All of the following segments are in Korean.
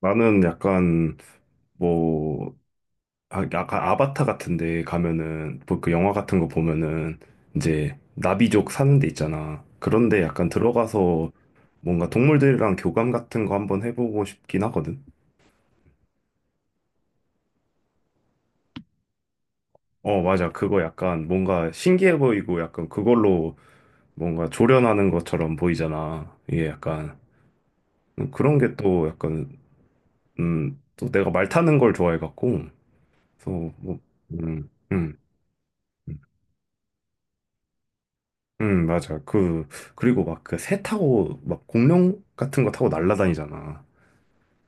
나는 약간 뭐 약간 아바타 같은데 가면은 뭐그 영화 같은 거 보면은 이제 나비족 사는 데 있잖아. 그런데 약간 들어가서 뭔가 동물들이랑 교감 같은 거 한번 해보고 싶긴 하거든. 어, 맞아. 그거 약간 뭔가 신기해 보이고 약간 그걸로 뭔가 조련하는 것처럼 보이잖아. 이게 약간 그런 게 또 약간 또 내가 말 타는 걸 좋아해 갖고 그래서 뭐 음, 음. 맞아. 그, 그리고 막 그 새 타고 막 공룡 같은 거 타고 날라다니잖아.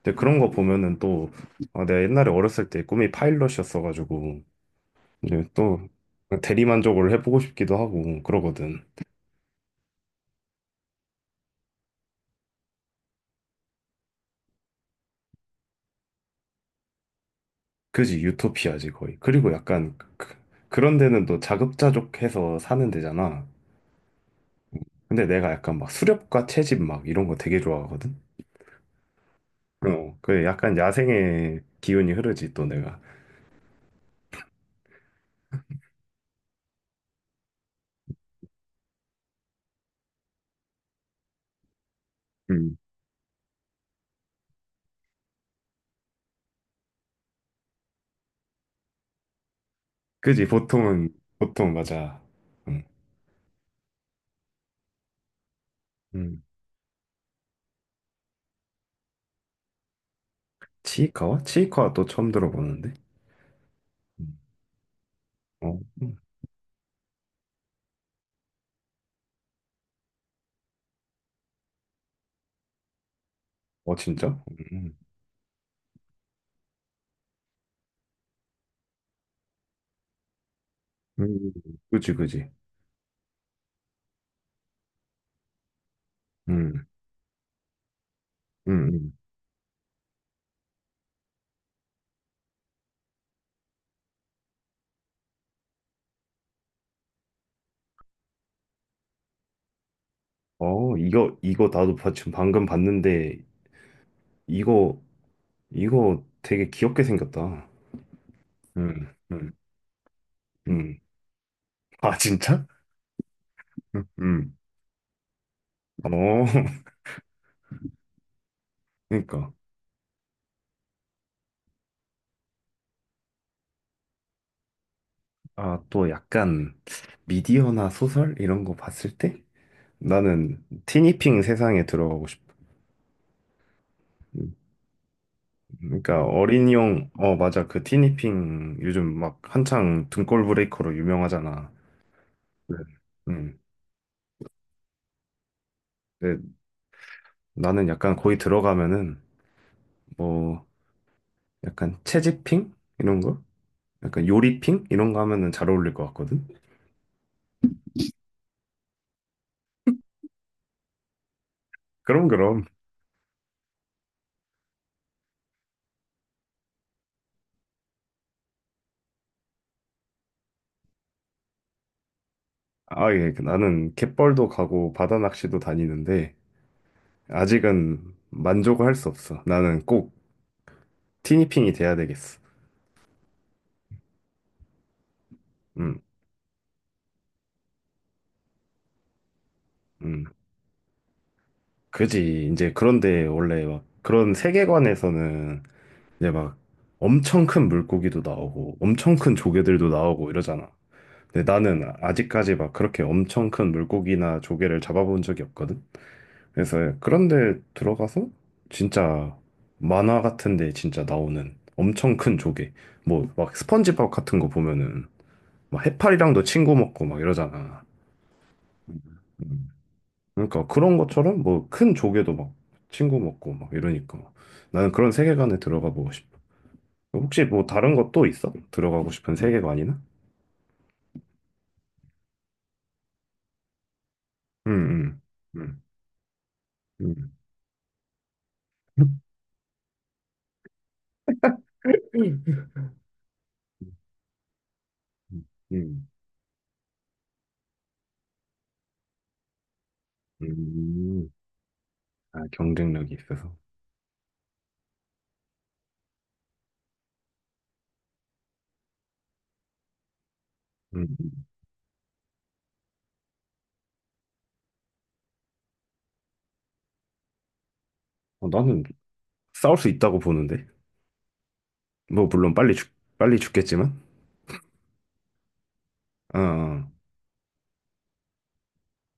근데 그런 거 보면은 또, 아, 내가 옛날에 어렸을 때 꿈이 파일럿이었어가지고, 이제 또 대리만족을 해보고 싶기도 하고 그러거든. 그지, 유토피아지 거의. 그리고 약간 그, 그런 데는 또 자급자족해서 사는 데잖아. 근데 내가 약간 막 수렵과 채집 막 이런 거 되게 좋아하거든. 어, 그 약간 야생의 기운이 흐르지 또 내가. 음. 그지, 보통은, 보통 맞아. 음. 음. 치이카와? 치이카와 또 처음 들어보는데. 음. 어, 어, 진짜? 음. 음. 음, 그지, 그지. 음. 음. 음. 어, 이거, 이거 나도 지금 방금 봤는데, 이거, 이거 되게 귀엽게 생겼다. 음. 음. 음. 아, 진짜? 음. 음. 어, 그러니까. 아, 또 약간 미디어나 소설 이런 거 봤을 때? 나는 티니핑 세상에 들어가고 싶어. 그러니까 어린이용 어 맞아 그 티니핑 요즘 막 한창 등골 브레이커로 유명하잖아. 네. 음. 근데 나는 약간 거기 들어가면은 뭐 약간 채집핑 이런 거, 약간 요리핑 이런 거 하면은 잘 어울릴 것 같거든. 그럼 그럼. 아 예, 그 나는 갯벌도 가고 바다 낚시도 다니는데 아직은 만족을 할 수 없어. 나는 꼭 티니핑이 돼야 되겠어. 음, 음. 그지. 이제 그런데 원래 막 그런 세계관에서는 이제 막 엄청 큰 물고기도 나오고 엄청 큰 조개들도 나오고 이러잖아. 근데 나는 아직까지 막 그렇게 엄청 큰 물고기나 조개를 잡아본 적이 없거든. 그래서 그런데 들어가서 진짜 만화 같은데 진짜 나오는 엄청 큰 조개. 뭐 막 스펀지밥 같은 거 보면은 막 해파리랑도 친구 먹고 막 이러잖아. 그러니까 그런 것처럼 뭐 큰 조개도 막 친구 먹고 막 이러니까 나는 그런 세계관에 들어가 보고 싶어. 혹시 뭐 다른 것도 있어? 들어가고 싶은 세계관이나? 음, 음, 음, 음, 음, 음. 아, 경쟁력이 있어서. 음. 음. 어, 나는 싸울 수 있다고 보는데. 뭐, 물론 빨리 죽, 빨리 죽겠지만. 어, 어,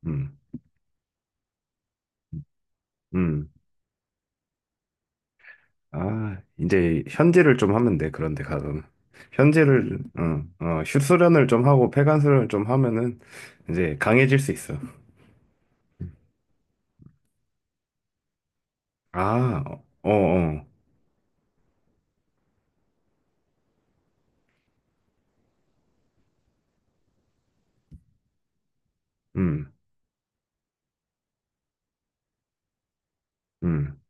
음, 음. 아, 이제 현질을 좀 하면 돼, 그런데 가서는. 현질을, 어, 어, 슛수련을 좀 하고 폐관수련을 좀 하면은 이제 강해질 수 있어. 아, 어, 어, 어. 음, 음.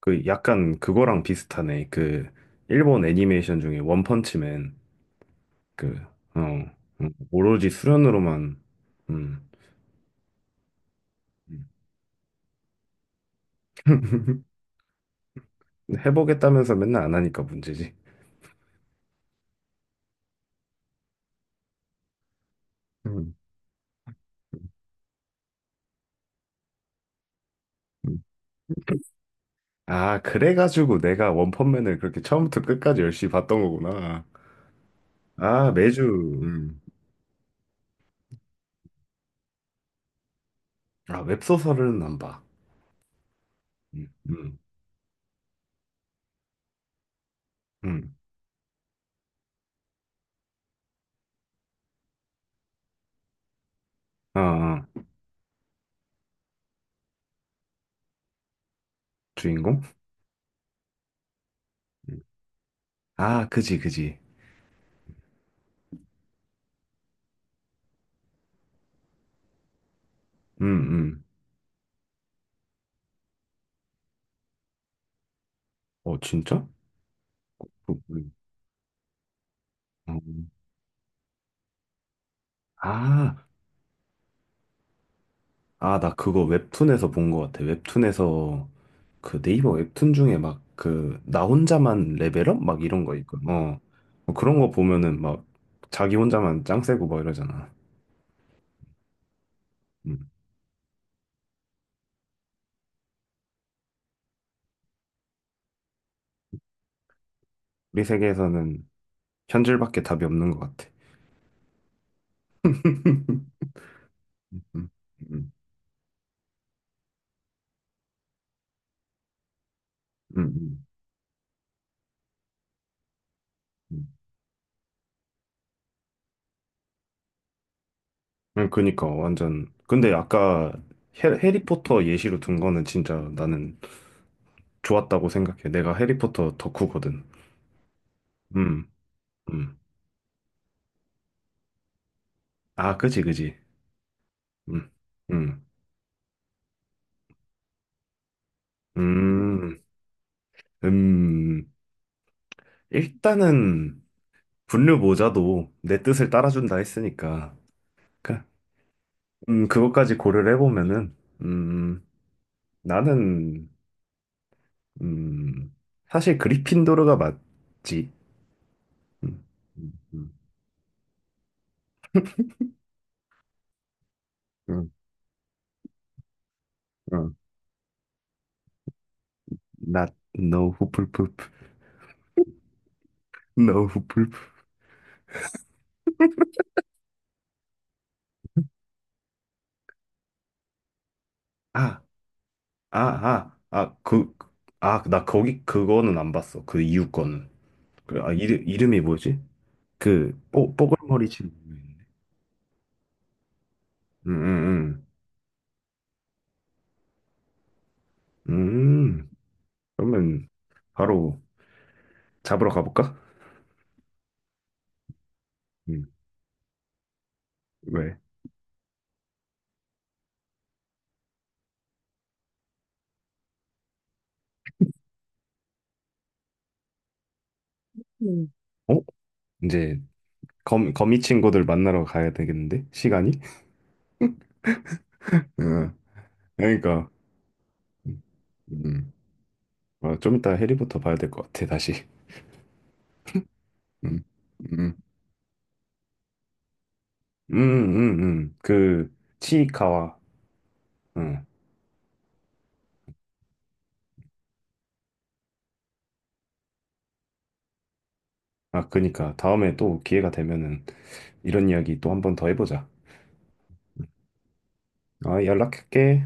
그 약간 그거랑 비슷하네. 그 일본 애니메이션 중에 원펀치맨 그 어, 오로지 수련으로만 음. 해보겠다면서 맨날 안 하니까 문제지. 음. 음. 아, 그래가지고 내가 원펀맨을 그렇게 처음부터 끝까지 열심히 봤던 거구나. 아, 매주 음. 아, 웹소설은 안 봐. 음. 음. 음. 아, 아. 주인공? 음. 아, 그지, 그지. 음, 음. 어, 진짜? 그, 어. 아, 아, 나 그거 웹툰에서 본 것 같아. 웹툰에서 그 네이버 웹툰 중에 막 그 나 혼자만 레벨업 막 이런 거 있거든. 어. 뭐 그런 거 보면은 막 자기 혼자만 짱 세고 막 이러잖아. 음. 우리 세계에서는 현질밖에 답이 없는 것 같아. 음, 음, 음, 음, 음. 그니까 완전 근데 아까 해리포터 예시로 든 거는 진짜 나는 좋았다고 생각해. 내가 해리포터 덕후거든. 음, 음. 아, 그지, 그지. 음, 음. 음, 음, 일단은 분류 모자도 내 뜻을 따라준다 했으니까, 그, 그것까지 고려를 해보면은, 음, 나는, 음, 사실 그리핀도르가 맞지. 음, 음, 음, 음, 음. Not, no, 후플프프, no, 후플프. 아, 아, 아, 아, 그, 아, 나 거기, 그거는 안 봤어. 그 이유 거는. 그, 아, 이름이 뭐지? 그, 뽀글머리 친구. 있는데. 응, 응, 음, 그러면 바로 잡으러 가볼까? 음, 왜? 음. 어? 이제 거미, 거미 친구들 만나러 가야 되겠는데? 시간이? 응, 그러니까. 음, 음. 아, 좀 이따 해리부터 봐야 될 것 같아, 다시. 음, 음, 그, 치이카와, 응. 아, 그니까. 다음에 또 기회가 되면은 이런 이야기 또 한번 더 해보자. 아, 연락할게.